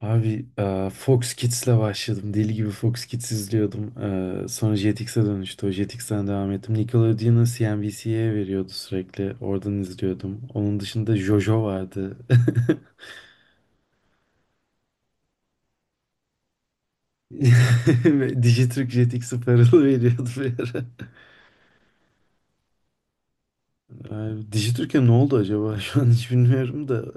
Abi Fox Kids'le başladım. Deli gibi Fox Kids izliyordum. Sonra Jetix'e dönüştü. O JTX'ten devam ettim. Nickelodeon'u CNBC'ye veriyordu sürekli. Oradan izliyordum. Onun dışında JoJo vardı. Ve Digiturk JTX'e paralı veriyordu bir ara. Abi, Dijitürk'e ne oldu acaba? Şu an hiç bilmiyorum da.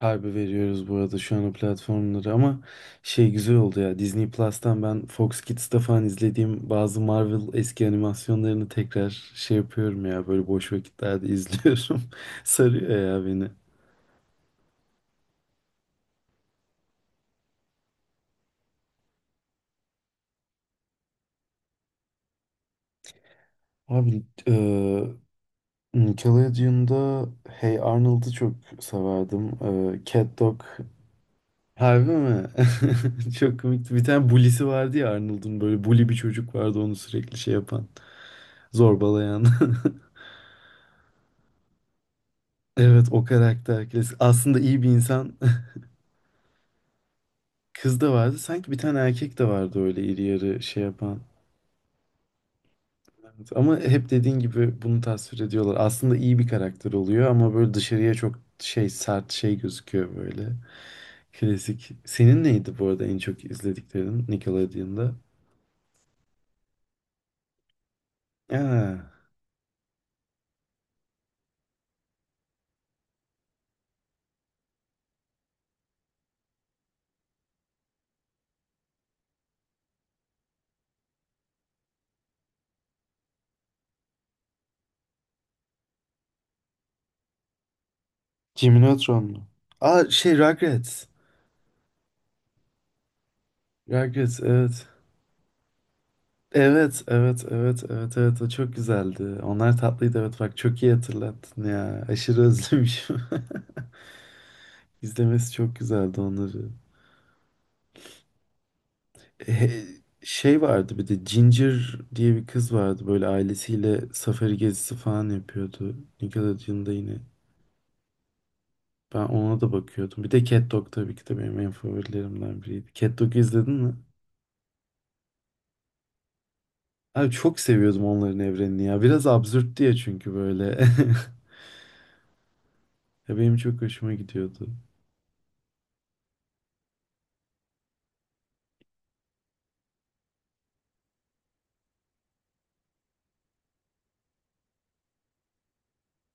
Harbi veriyoruz bu arada şu an o platformları ama şey güzel oldu ya, Disney Plus'tan ben Fox Kids'te falan izlediğim bazı Marvel eski animasyonlarını tekrar şey yapıyorum ya, böyle boş vakitlerde izliyorum. Sarıyor ya beni. Abi Nickelodeon'da Hey Arnold'u çok severdim. Cat Dog. Harbi mi? Çok komikti. Bir tane bully'si vardı ya Arnold'un, böyle bully bir çocuk vardı, onu sürekli şey yapan, zorbalayan. Evet, o karakter klasik. Aslında iyi bir insan. Kız da vardı. Sanki bir tane erkek de vardı, öyle iri yarı şey yapan. Evet, ama hep dediğin gibi bunu tasvir ediyorlar. Aslında iyi bir karakter oluyor ama böyle dışarıya çok şey, sert şey gözüküyor böyle. Klasik. Senin neydi bu arada en çok izlediklerin Nickelodeon'da? Aa, Jimmy Neutron mu? Aa, şey, Rugrats. Rugrats, evet. Evet, evet, evet, evet, evet. O çok güzeldi. Onlar tatlıydı. Evet, bak çok iyi hatırlattın ya. Aşırı özlemişim. İzlemesi çok güzeldi onları. E, Şey vardı, bir de Ginger diye bir kız vardı. Böyle ailesiyle safari gezisi falan yapıyordu. Nickelodeon'da yine. Ben ona da bakıyordum. Bir de Cat Dog tabii ki de benim en favorilerimden biriydi. Cat Dog'u izledin mi? Abi çok seviyordum onların evrenini ya. Biraz absürt diye çünkü böyle. Ya, benim çok hoşuma gidiyordu.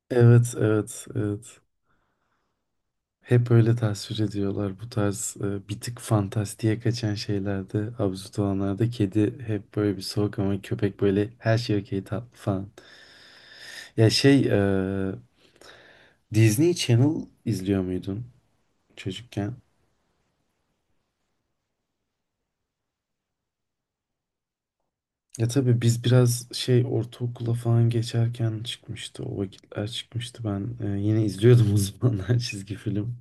Evet, evet, evet. Hep öyle tasvir ediyorlar bu tarz bir tık fantastiğe kaçan şeylerde, absürt olanlarda kedi hep böyle bir soğuk ama köpek böyle her şey okey, tatlı falan. Ya, şey Disney Channel izliyor muydun çocukken? Ya tabii biz biraz şey, ortaokula falan geçerken çıkmıştı, o vakitler çıkmıştı, ben yine izliyordum o zamanlar çizgi film.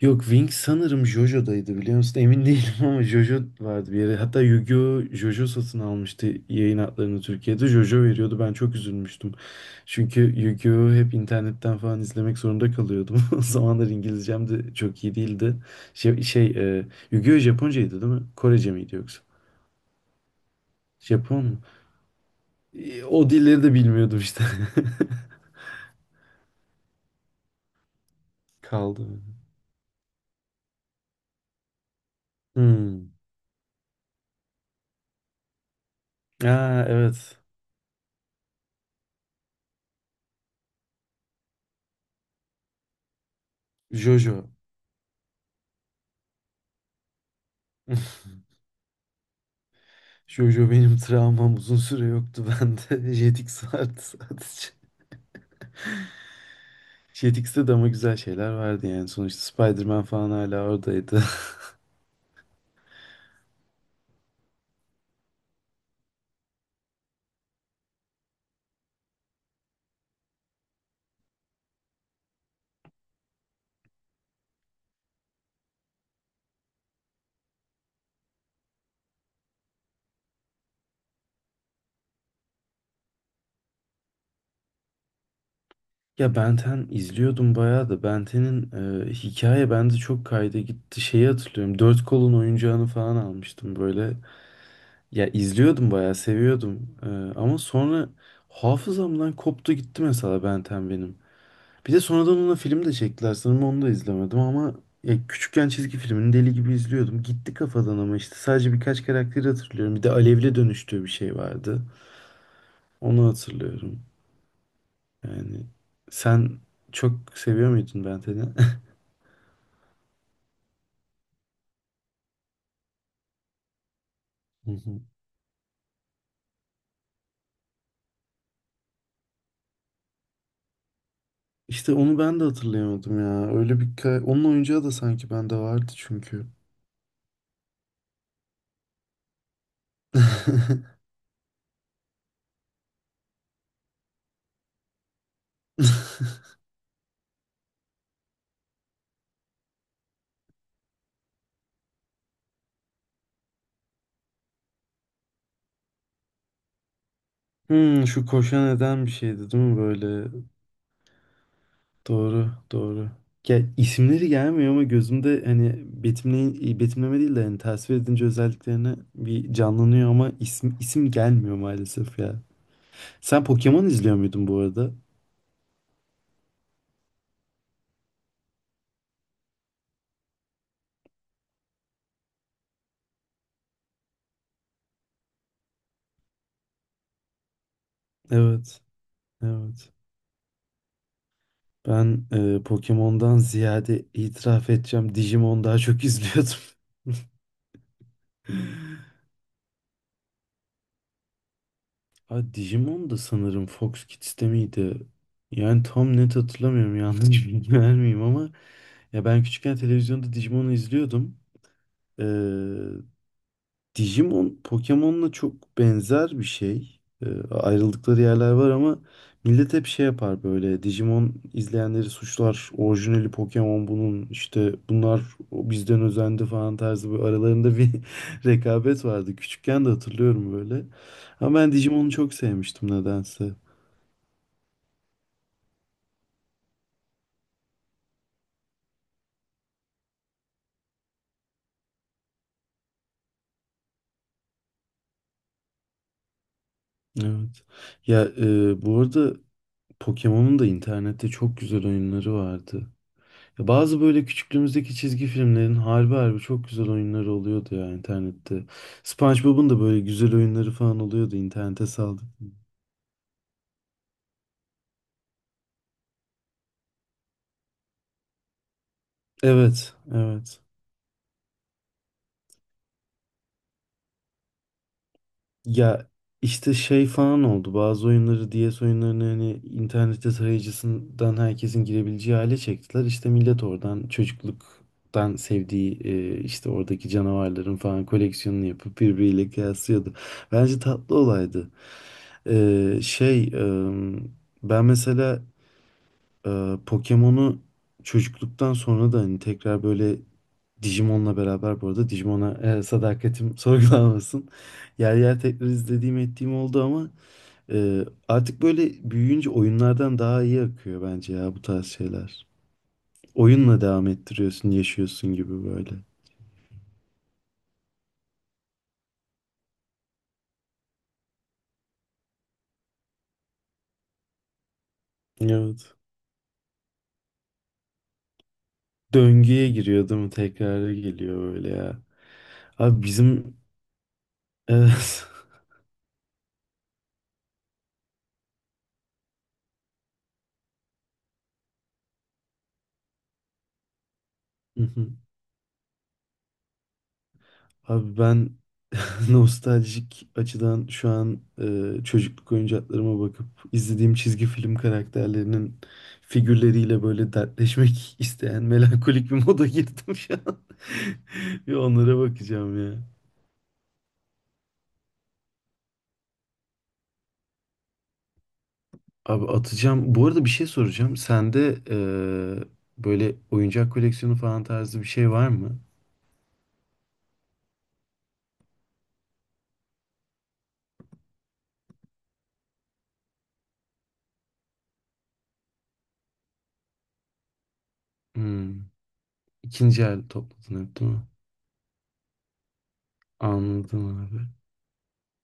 Yok, Wing sanırım JoJo'daydı, biliyor musun? Emin değilim ama JoJo vardı bir yere. Hatta Yu-Gi-Oh! JoJo satın almıştı yayın haklarını Türkiye'de. JoJo veriyordu. Ben çok üzülmüştüm. Çünkü Yu-Gi-Oh! Hep internetten falan izlemek zorunda kalıyordum. O zamanlar İngilizcem de çok iyi değildi. Şey, şey e, Yu-Gi-Oh! Japoncaydı değil mi? Korece miydi yoksa? Japon mu? O dilleri de bilmiyordum işte. Kaldı. Hmm. Aa, evet. JoJo. Jojo benim travmam, uzun süre yoktu bende. Jetix vardı sadece. Jetix'te de ama güzel şeyler vardı yani. Sonuçta Spider-Man falan hala oradaydı. Ya, Ben 10 izliyordum bayağı da, Ben 10'in hikaye bende çok kayda gitti. Şeyi hatırlıyorum, dört kolun oyuncağını falan almıştım böyle. Ya izliyordum, bayağı seviyordum. Ama sonra hafızamdan koptu gitti mesela, Ben 10 benim. Bir de sonradan ona film de çektiler. Sanırım onu da izlemedim, ama ya küçükken çizgi filmini deli gibi izliyordum. Gitti kafadan, ama işte sadece birkaç karakteri hatırlıyorum. Bir de Alev'le dönüştüğü bir şey vardı. Onu hatırlıyorum. Yani sen çok seviyor muydun Ben Ten'i? Hı hı. İşte onu ben de hatırlayamadım ya. Onun oyuncağı da sanki bende vardı çünkü. Şu koşan eden bir şeydi değil mi böyle? Doğru, doğru. Ya, isimleri gelmiyor ama gözümde, hani betimleme değil de yani tasvir edince özelliklerini bir canlanıyor, ama isim isim gelmiyor maalesef ya. Sen Pokemon izliyor muydun bu arada? Evet, evet. Ben Pokemon'dan ziyade, itiraf edeceğim, Digimon daha çok izliyordum. Ha, Digimon da sanırım Fox Kids'te miydi? Yani tam net hatırlamıyorum, yanlış bilgi vermeyeyim, ama ya ben küçükken televizyonda Digimon'u izliyordum. Ee, Digimon Pokemon'la çok benzer bir şey. Ayrıldıkları yerler var, ama millet hep şey yapar böyle. Digimon izleyenleri suçlar. Orijinali Pokemon bunun, işte bunlar o bizden özendi falan tarzı, böyle aralarında bir rekabet vardı. Küçükken de hatırlıyorum böyle. Ama ben Digimon'u çok sevmiştim nedense. Evet. Ya bu arada Pokemon'un da internette çok güzel oyunları vardı. Ya, bazı böyle küçüklüğümüzdeki çizgi filmlerin harbi harbi çok güzel oyunları oluyordu ya internette. SpongeBob'un da böyle güzel oyunları falan oluyordu, internete saldım. Evet, evet. Ya, işte şey falan oldu. Bazı oyunları, DS oyunlarını hani internette tarayıcısından herkesin girebileceği hale çektiler. İşte millet oradan çocukluktan sevdiği işte oradaki canavarların falan koleksiyonunu yapıp birbiriyle kıyaslıyordu. Bence tatlı olaydı. Şey ben mesela Pokemon'u çocukluktan sonra da hani tekrar böyle Digimon'la beraber, bu arada Digimon'a sadakatim sorgulanmasın. Yer yer tekrar izlediğim ettiğim oldu, ama artık böyle büyüyünce oyunlardan daha iyi akıyor bence ya bu tarz şeyler. Oyunla devam ettiriyorsun, yaşıyorsun gibi böyle. Evet. Döngüye giriyor değil mi? Tekrara geliyor böyle ya. Abi bizim, evet. Hı hı. Abi ben nostaljik açıdan şu an çocukluk oyuncaklarıma bakıp izlediğim çizgi film karakterlerinin figürleriyle böyle dertleşmek isteyen melankolik bir moda girdim şu an. Bir onlara bakacağım ya. Abi, atacağım. Bu arada bir şey soracağım. Sende böyle oyuncak koleksiyonu falan tarzı bir şey var mı? Hmm. İkinci el topladın hep değil mi? Anladım abi.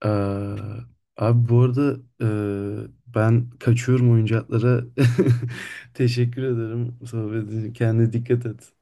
Ee, Abi bu arada ben kaçıyorum oyuncaklara. Teşekkür ederim sohbetin. Kendine dikkat et.